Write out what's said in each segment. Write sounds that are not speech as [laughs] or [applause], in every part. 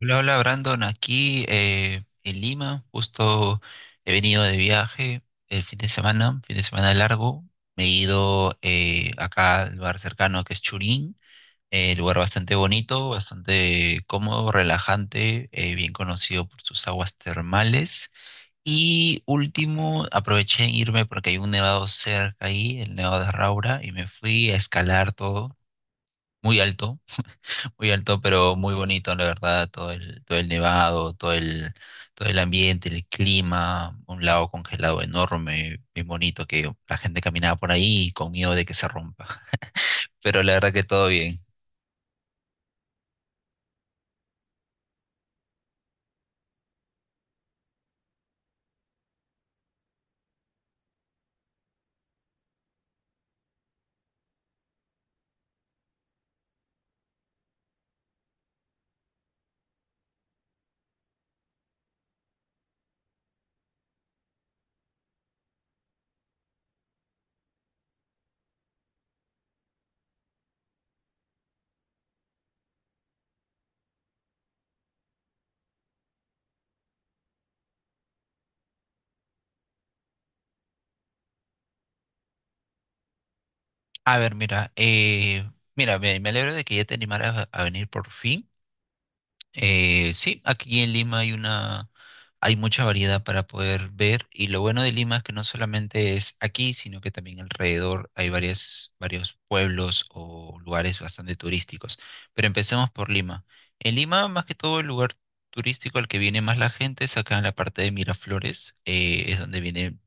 Hola, hola Brandon, aquí en Lima, justo he venido de viaje el fin de semana largo, me he ido acá al lugar cercano que es Churín, lugar bastante bonito, bastante cómodo, relajante, bien conocido por sus aguas termales. Y último, aproveché en irme porque hay un nevado cerca ahí, el Nevado de Raura, y me fui a escalar todo, muy alto muy alto, pero muy bonito, la verdad, todo el nevado, todo el ambiente, el clima, un lago congelado enorme, bien bonito, que la gente caminaba por ahí con miedo de que se rompa. [laughs] Pero la verdad que todo bien. A ver, mira, mira, me alegro de que ya te animaras a venir por fin. Sí, aquí en Lima hay mucha variedad para poder ver y lo bueno de Lima es que no solamente es aquí, sino que también alrededor hay varios pueblos o lugares bastante turísticos. Pero empecemos por Lima. En Lima, más que todo, el lugar turístico al que viene más la gente es acá en la parte de Miraflores, es donde viene,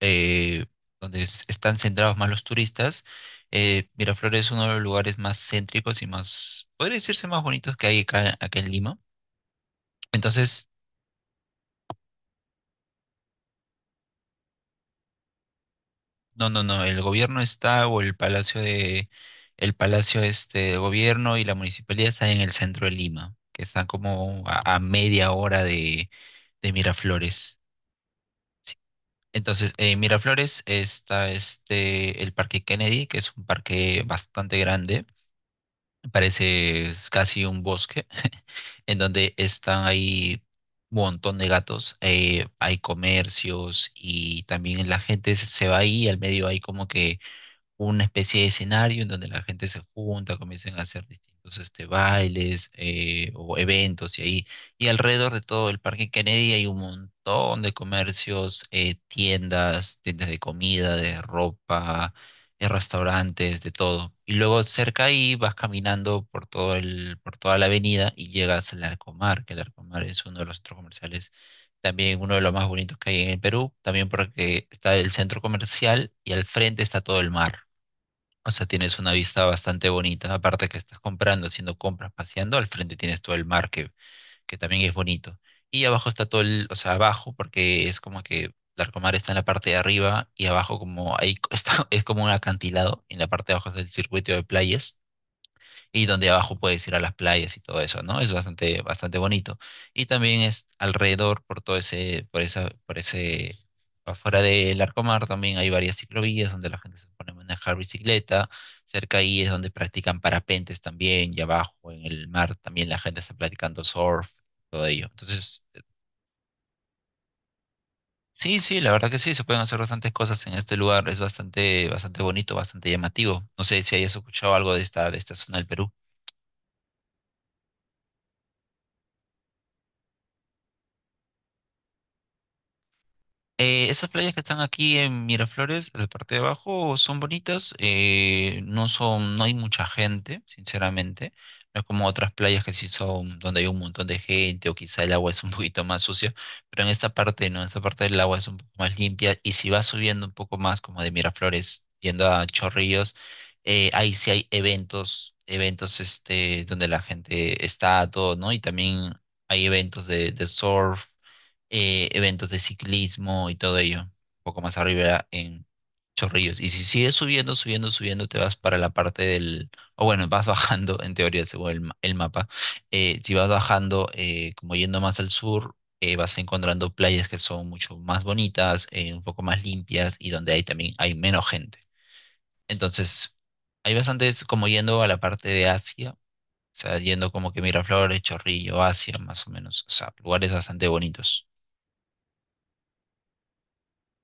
eh, están centrados más los turistas. Miraflores es uno de los lugares más céntricos y más, podría decirse más bonitos que hay acá en Lima entonces, no, el gobierno está o el palacio este de gobierno y la municipalidad está en el centro de Lima, que está como a media hora de Miraflores. Entonces, en Miraflores está este el Parque Kennedy, que es un parque bastante grande, parece casi un bosque, [laughs] en donde están ahí un montón de gatos, hay comercios y también la gente se va ahí, al medio hay como que una especie de escenario en donde la gente se junta, comienzan a hacer distintos este, bailes o eventos y ahí. Y alrededor de todo el Parque Kennedy hay un montón de comercios, tiendas, tiendas de comida, de ropa, restaurantes, de todo. Y luego cerca ahí vas caminando por todo el, por toda la avenida y llegas al Arcomar, que el Arcomar es uno de los centros comerciales también uno de los más bonitos que hay en el Perú, también porque está el centro comercial y al frente está todo el mar. O sea, tienes una vista bastante bonita, aparte que estás comprando, haciendo compras, paseando, al frente tienes todo el mar que también es bonito. Y abajo está todo el, o sea, abajo, porque es como que Larcomar está en la parte de arriba y abajo como ahí [laughs] está, es como un acantilado, y en la parte de abajo está el circuito de playas y donde abajo puedes ir a las playas y todo eso, ¿no? Es bastante, bastante bonito. Y también es alrededor por todo ese, por ese, afuera del Arcomar también hay varias ciclovías donde la gente se pone a manejar bicicleta. Cerca ahí es donde practican parapentes también, y abajo en el mar también la gente está practicando surf, todo ello. Entonces, sí, sí, la verdad que sí, se pueden hacer bastantes cosas en este lugar. Es bastante, bastante bonito, bastante llamativo. No sé si hayas escuchado algo de esta zona del Perú. Estas playas que están aquí en Miraflores, en la parte de abajo, son bonitas. No son, no hay mucha gente, sinceramente. No es como otras playas que sí son donde hay un montón de gente o quizá el agua es un [laughs] poquito más sucia. Pero en esta parte, no, en esta parte el agua es un poco más limpia. Y si vas subiendo un poco más, como de Miraflores, yendo a Chorrillos, ahí sí hay eventos, eventos este, donde la gente está, todo, ¿no? Y también hay eventos de surf eventos de ciclismo y todo ello, un poco más arriba en Chorrillos. Y si sigues subiendo, subiendo, subiendo, te vas para la parte del, o bueno, vas bajando en teoría según el mapa. Si vas bajando, como yendo más al sur, vas encontrando playas que son mucho más bonitas, un poco más limpias y donde hay también hay menos gente. Entonces, hay bastantes como yendo a la parte de Asia. O sea, yendo como que Miraflores, Chorrillo, Asia, más o menos. O sea, lugares bastante bonitos.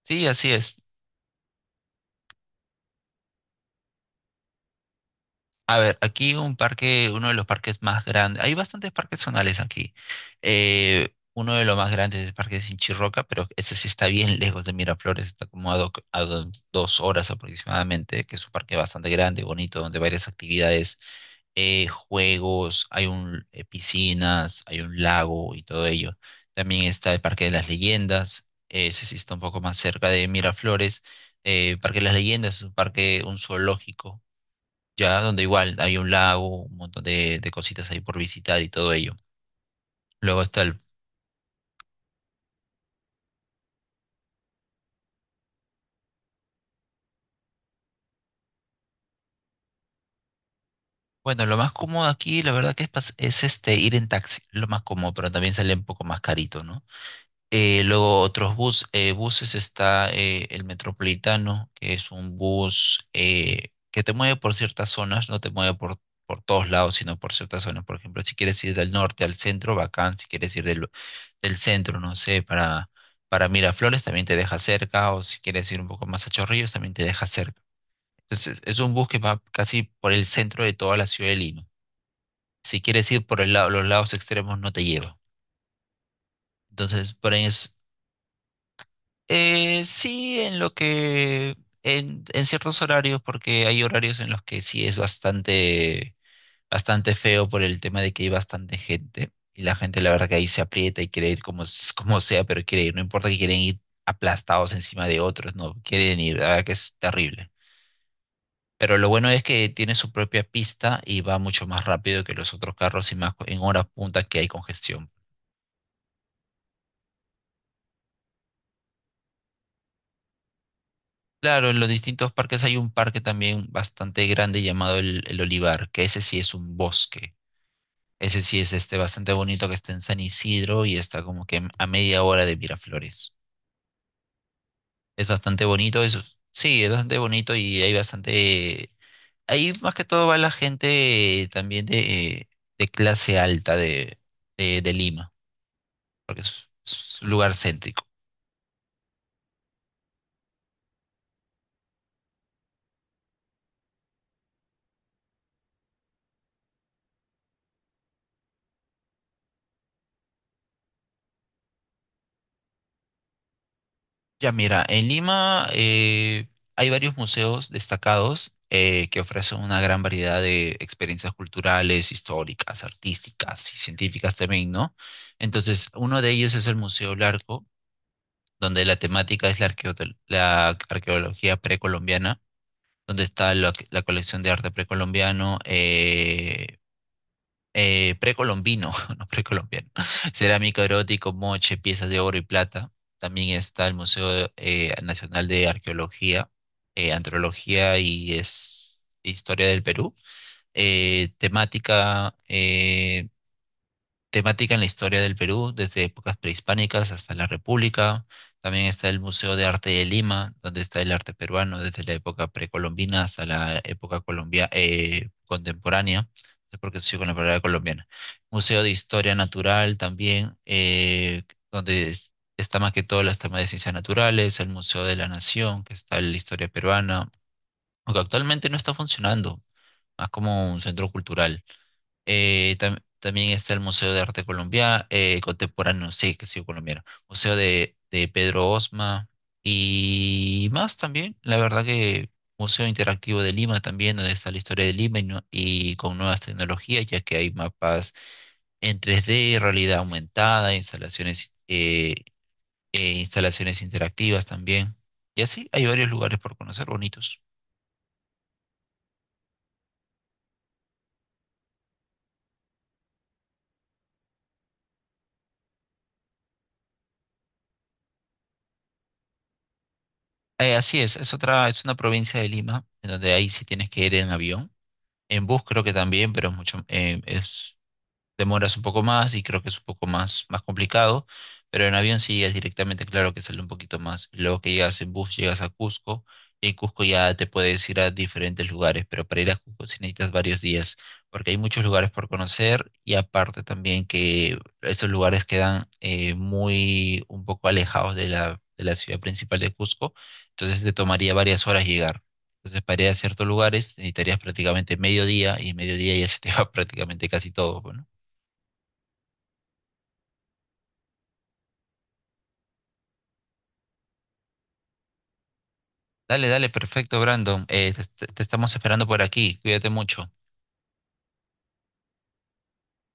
Sí, así es. A ver, aquí un parque, uno de los parques más grandes, hay bastantes parques zonales aquí. Uno de los más grandes es el Parque Sinchirroca, pero ese sí está bien lejos de Miraflores, está como dos horas aproximadamente, que es un parque bastante grande, bonito, donde hay varias actividades, juegos, hay un, piscinas, hay un lago y todo ello. También está el Parque de las Leyendas, ese sí está un poco más cerca de Miraflores. Parque de las Leyendas es un parque, un zoológico ya donde igual hay un lago, un montón de cositas ahí por visitar y todo ello. Luego está el, bueno, lo más cómodo aquí, la verdad que es, es este ir en taxi, lo más cómodo, pero también sale un poco más carito, ¿no? Luego buses está el Metropolitano, que es un bus que te mueve por ciertas zonas, no te mueve por todos lados, sino por ciertas zonas. Por ejemplo, si quieres ir del norte al centro, bacán. Si quieres ir del centro, no sé, para Miraflores también te deja cerca, o si quieres ir un poco más a Chorrillos también te deja cerca. Entonces, es un bus que va casi por el centro de toda la ciudad de Lima. Si quieres ir por el lado, los lados extremos, no te lleva. Entonces, por ahí es, sí, en ciertos horarios, porque hay horarios en los que sí es bastante, bastante feo por el tema de que hay bastante gente y la gente la verdad que ahí se aprieta y quiere ir como, como sea, pero quiere ir, no importa que quieren ir aplastados encima de otros, no, quieren ir, la verdad que es terrible. Pero lo bueno es que tiene su propia pista y va mucho más rápido que los otros carros y más en horas punta que hay congestión. Claro, en los distintos parques hay un parque también bastante grande llamado el Olivar, que ese sí es un bosque. Ese sí es este bastante bonito que está en San Isidro y está como que a media hora de Miraflores. Es bastante bonito eso. Sí, es bastante bonito y hay bastante... Ahí más que todo va la gente también de clase alta de Lima, porque es un lugar céntrico. Ya mira, en Lima hay varios museos destacados que ofrecen una gran variedad de experiencias culturales, históricas, artísticas y científicas también, ¿no? Entonces, uno de ellos es el Museo Larco, donde la temática es la arqueología precolombiana, donde está la colección de arte precolombiano, precolombino, [laughs] no precolombiano, cerámica erótico, moche, piezas de oro y plata. También está el Museo Nacional de Arqueología, Antropología y es Historia del Perú. Eh, temática, eh, Temática en la historia del Perú, desde épocas prehispánicas hasta la República. También está el Museo de Arte de Lima, donde está el arte peruano desde la época precolombina hasta la época colombia, contemporánea. Porque estoy con la palabra colombiana. Museo de Historia Natural también, donde es- está más que todo las temas de ciencias naturales, el Museo de la Nación, que está en la historia peruana, aunque actualmente no está funcionando, más como un centro cultural. También está el Museo de Arte Colombia, Contemporáneo, sí, que sí, colombiano. Museo de Pedro Osma y más también. La verdad que Museo Interactivo de Lima también, donde está la historia de Lima y con nuevas tecnologías, ya que hay mapas en 3D, realidad aumentada, instalaciones, instalaciones interactivas también. Y así hay varios lugares por conocer bonitos. Así es otra, es una provincia de Lima, en donde ahí sí tienes que ir en avión. En bus creo que también, pero es mucho, es, demoras un poco más y creo que es un poco más, más complicado, pero en avión sí es directamente claro que sale un poquito más. Luego que llegas en bus, llegas a Cusco y en Cusco ya te puedes ir a diferentes lugares, pero para ir a Cusco sí necesitas varios días, porque hay muchos lugares por conocer y aparte también que esos lugares quedan muy un poco alejados de de la ciudad principal de Cusco, entonces te tomaría varias horas llegar. Entonces, para ir a ciertos lugares necesitarías prácticamente medio día y en medio día ya se te va [laughs] prácticamente casi todo, pues, ¿no? Dale, dale, perfecto, Brandon. Te estamos esperando por aquí. Cuídate mucho.